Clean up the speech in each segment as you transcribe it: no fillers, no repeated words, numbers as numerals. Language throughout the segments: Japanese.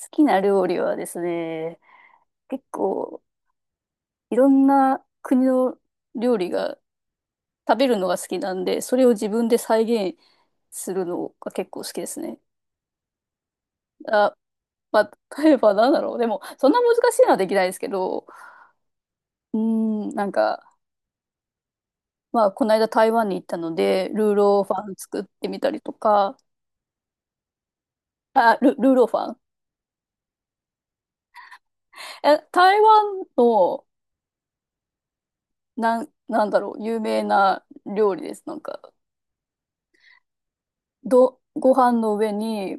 好きな料理はですね、結構いろんな国の料理が食べるのが好きなんで、それを自分で再現するのが結構好きですね。あ、まあ、例えばなんだろう。でも、そんな難しいのはできないですけど、うーなんか、まあ、この間台湾に行ったので、ルーローファン作ってみたりとか、あ、ルーローファン。え、台湾の、なんだろう、有名な料理です。なんか、ご飯の上に、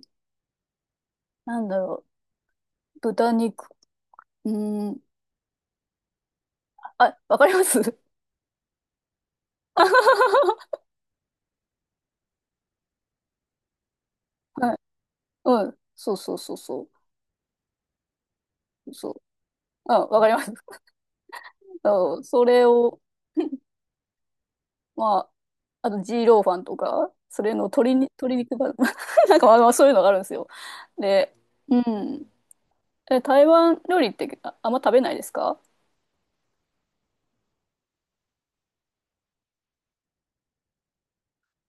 なんだろう、豚肉。うーん。あ、わかります はい。うん。そう。そう。うん、わかります。そうそれを、まあ、あと、ジーローファンとか、それの鶏に、鶏肉ば、なんかまあまあそういうのがあるんですよ。で、うん。え、台湾料理ってあんま食べないですか？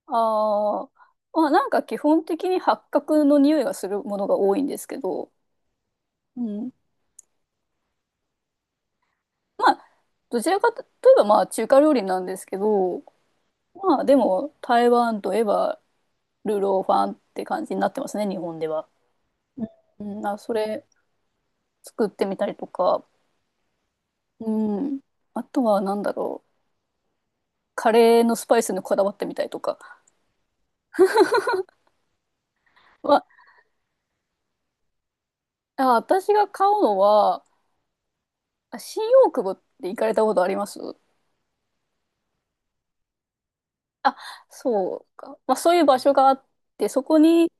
ああ、まあなんか基本的に八角の匂いがするものが多いんですけど、うん。まあ、どちらかといえばまあ中華料理なんですけど、まあでも台湾といえばルーローファンって感じになってますね、日本では。うん、うん、あ、それ作ってみたりとか、うん。あとは何だろう。カレーのスパイスにこだわってみたりとか。は、あ、私が買うのは、あ、新大久保って行かれたことあります？あ、そうか。まあそういう場所があって、そこに、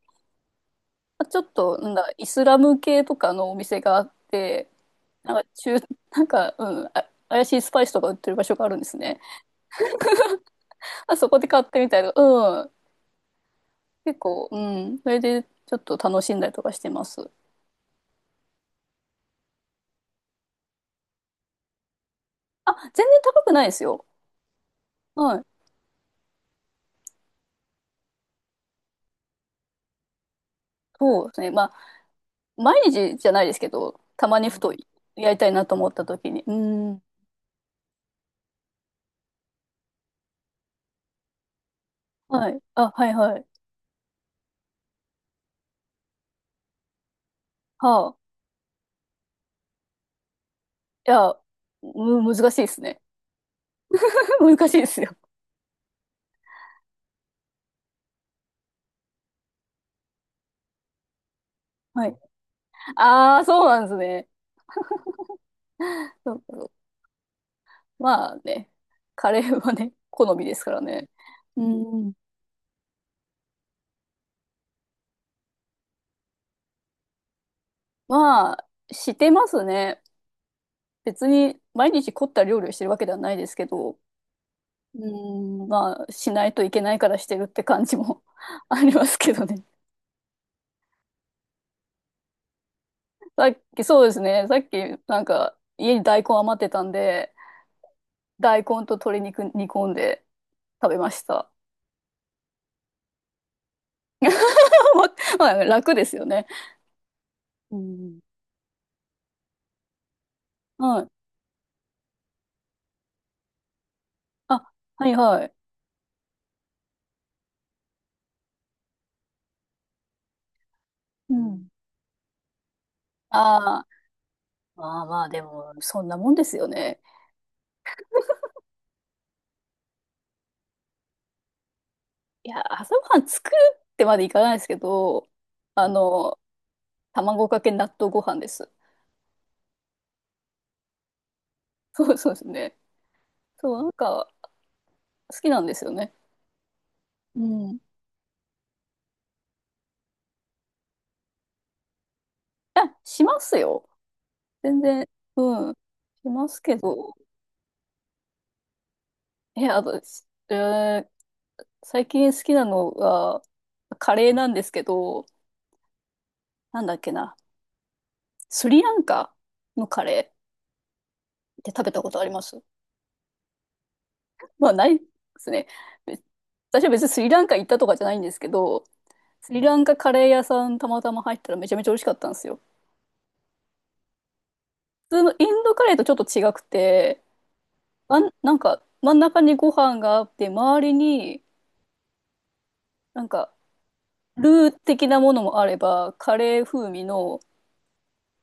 まあちょっと、なんだ、イスラム系とかのお店があって、なんか中、なんか、うん、あ、怪しいスパイスとか売ってる場所があるんですね。あそこで買ってみたりとか、うん。結構、うん。それでちょっと楽しんだりとかしてます。あ、全然高くないですよ。はい。そうですね。まあ、毎日じゃないですけど、たまにふとやりたいなと思った時に。うん。はい。あ、はいはい。はあ。いや、難しいですね。難しいですよ。はい。ああ、そうなんですね。そう、まあね、カレーはね、好みですからね。うん。まあ、してますね。別に毎日凝った料理をしてるわけではないですけど、うーん。まあ、しないといけないからしてるって感じも ありますけどね。さっき、そうですね。さっき、なんか、家に大根余ってたんで、大根と鶏肉煮込んで食べました。まあ、楽ですよね。うん。はい。あ、はいはい。うん。ん、ああ、まあまあ、でも、そんなもんですよね。いや、朝ごはん作るってまでいかないですけど、あの、卵かけ納豆ご飯です。そうですね。そう、なんか、好きなんですよね。うん。あ、しますよ。全然、うん。しますけど。え、あと、しえー、最近好きなのが、カレーなんですけど、なんだっけな。スリランカのカレーって食べたことあります？まあ、ないですね。べ、私は別にスリランカ行ったとかじゃないんですけど、スリランカカレー屋さんたまたま入ったらめちゃめちゃ美味しかったんですよ。普通のインドカレーとちょっと違くて、あん、なんか真ん中にご飯があって、周りになんかルー的なものもあれば、カレー風味の、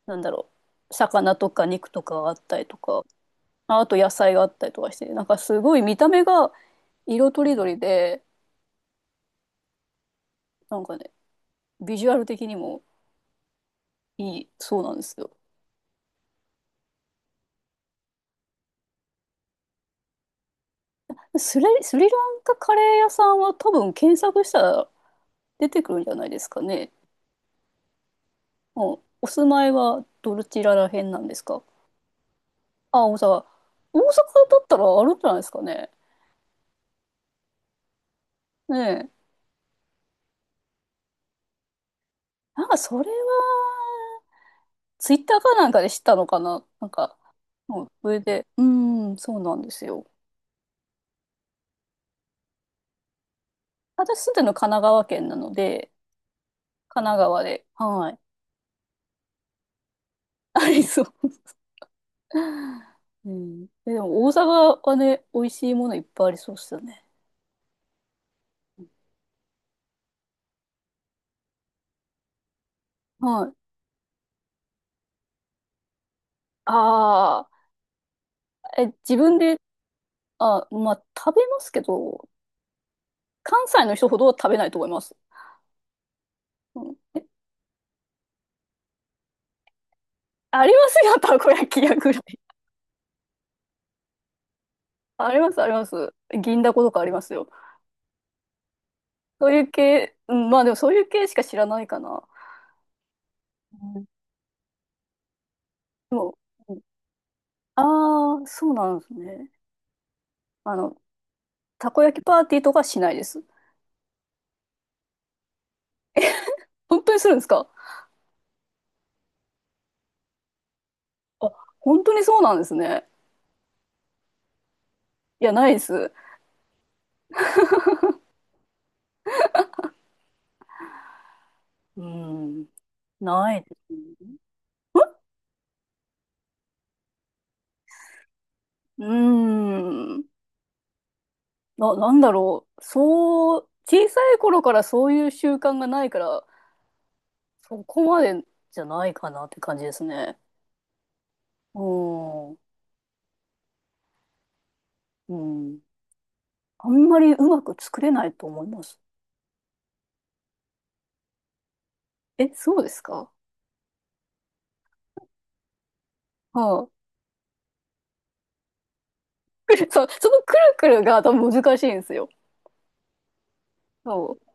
なんだろう、魚とか肉とかがあったりとか、ああ、と野菜があったりとかして、なんかすごい見た目が色とりどりで、なんかね、ビジュアル的にもいいそうなんですよ。スリランカカレー屋さんは多分検索したら出てくるんじゃないですかね。もうお住まいはどちら辺なんですか？あ、大阪。大阪だったらあるんじゃないですかね。ねえ。なんかそれは、ツイッターかなんかで知ったのかな。なんか、うん、それで、うん、そうなんですよ。私住んでるの神奈川県なので、神奈川で、はい。ありそう。うん。え、でも大阪はね、美味しいものいっぱいありそうっすよね。はい。ああ、え、自分で、あ、まあ、食べますけど、関西の人ほどは食べないと思います。うん、ありますよ、たこ焼き屋ぐらい。あります、あります。銀だことかありますよ。そういう系、うん、まあでもそういう系しか知らないかな。うん、でも、ああー、そうなんですね。あの、たこ焼きパーティーとかしないです。本当にするんですか？あ、本当にそうなんですね。いや、ないです。うん、ないですね。うーん、なんだろう。そう、小さい頃からそういう習慣がないから、そこまでじゃないかなって感じですね。おー、うん。あんまりうまく作れないと思います。え、そうですか？はい。くる、そう、そのくるくるが多分難しいんですよ。そう。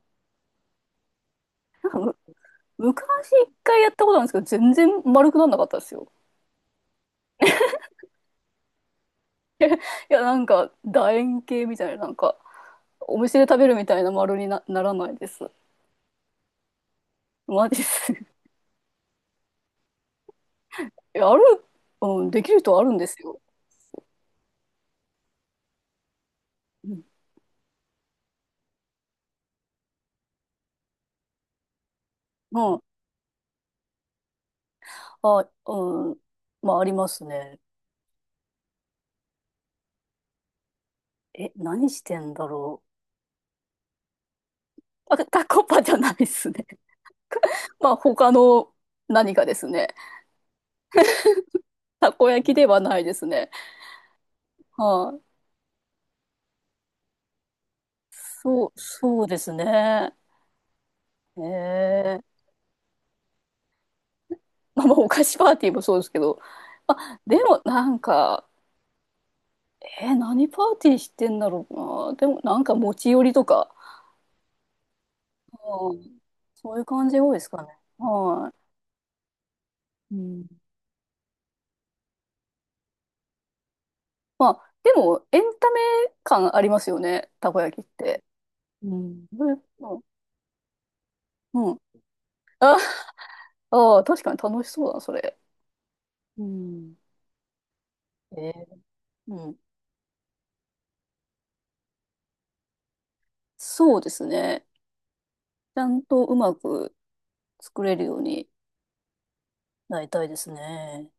なんかむ、昔一回やったことあるんですけど、全然丸くなんなかったですよ。いや、なんか、楕円形みたいな、なんか、お店で食べるみたいな丸にならないです。マジです。いや、ある、うん、できる人はあるんですよ。うん。まあ、あ、うん。まあ、ありますね。え、何してんだろう。あ、タコパじゃないっすね。まあ、他の何かですね。たこ焼きではないですね。はい、そうですね。ええ、まあ、まあお菓子パーティーもそうですけど。あ、でも、なんか、えー、何パーティーしてんだろうな。でも、なんか持ち寄りとか、うん、そういう感じが多いですかね。はい。うん、まあ、でも、エンタメ感ありますよね。たこ焼きって。うん。それうん。うん、ああー、確かに楽しそうだな、それ。うん。えー、うん。そうですね。ちゃんとうまく作れるようになりたいですね。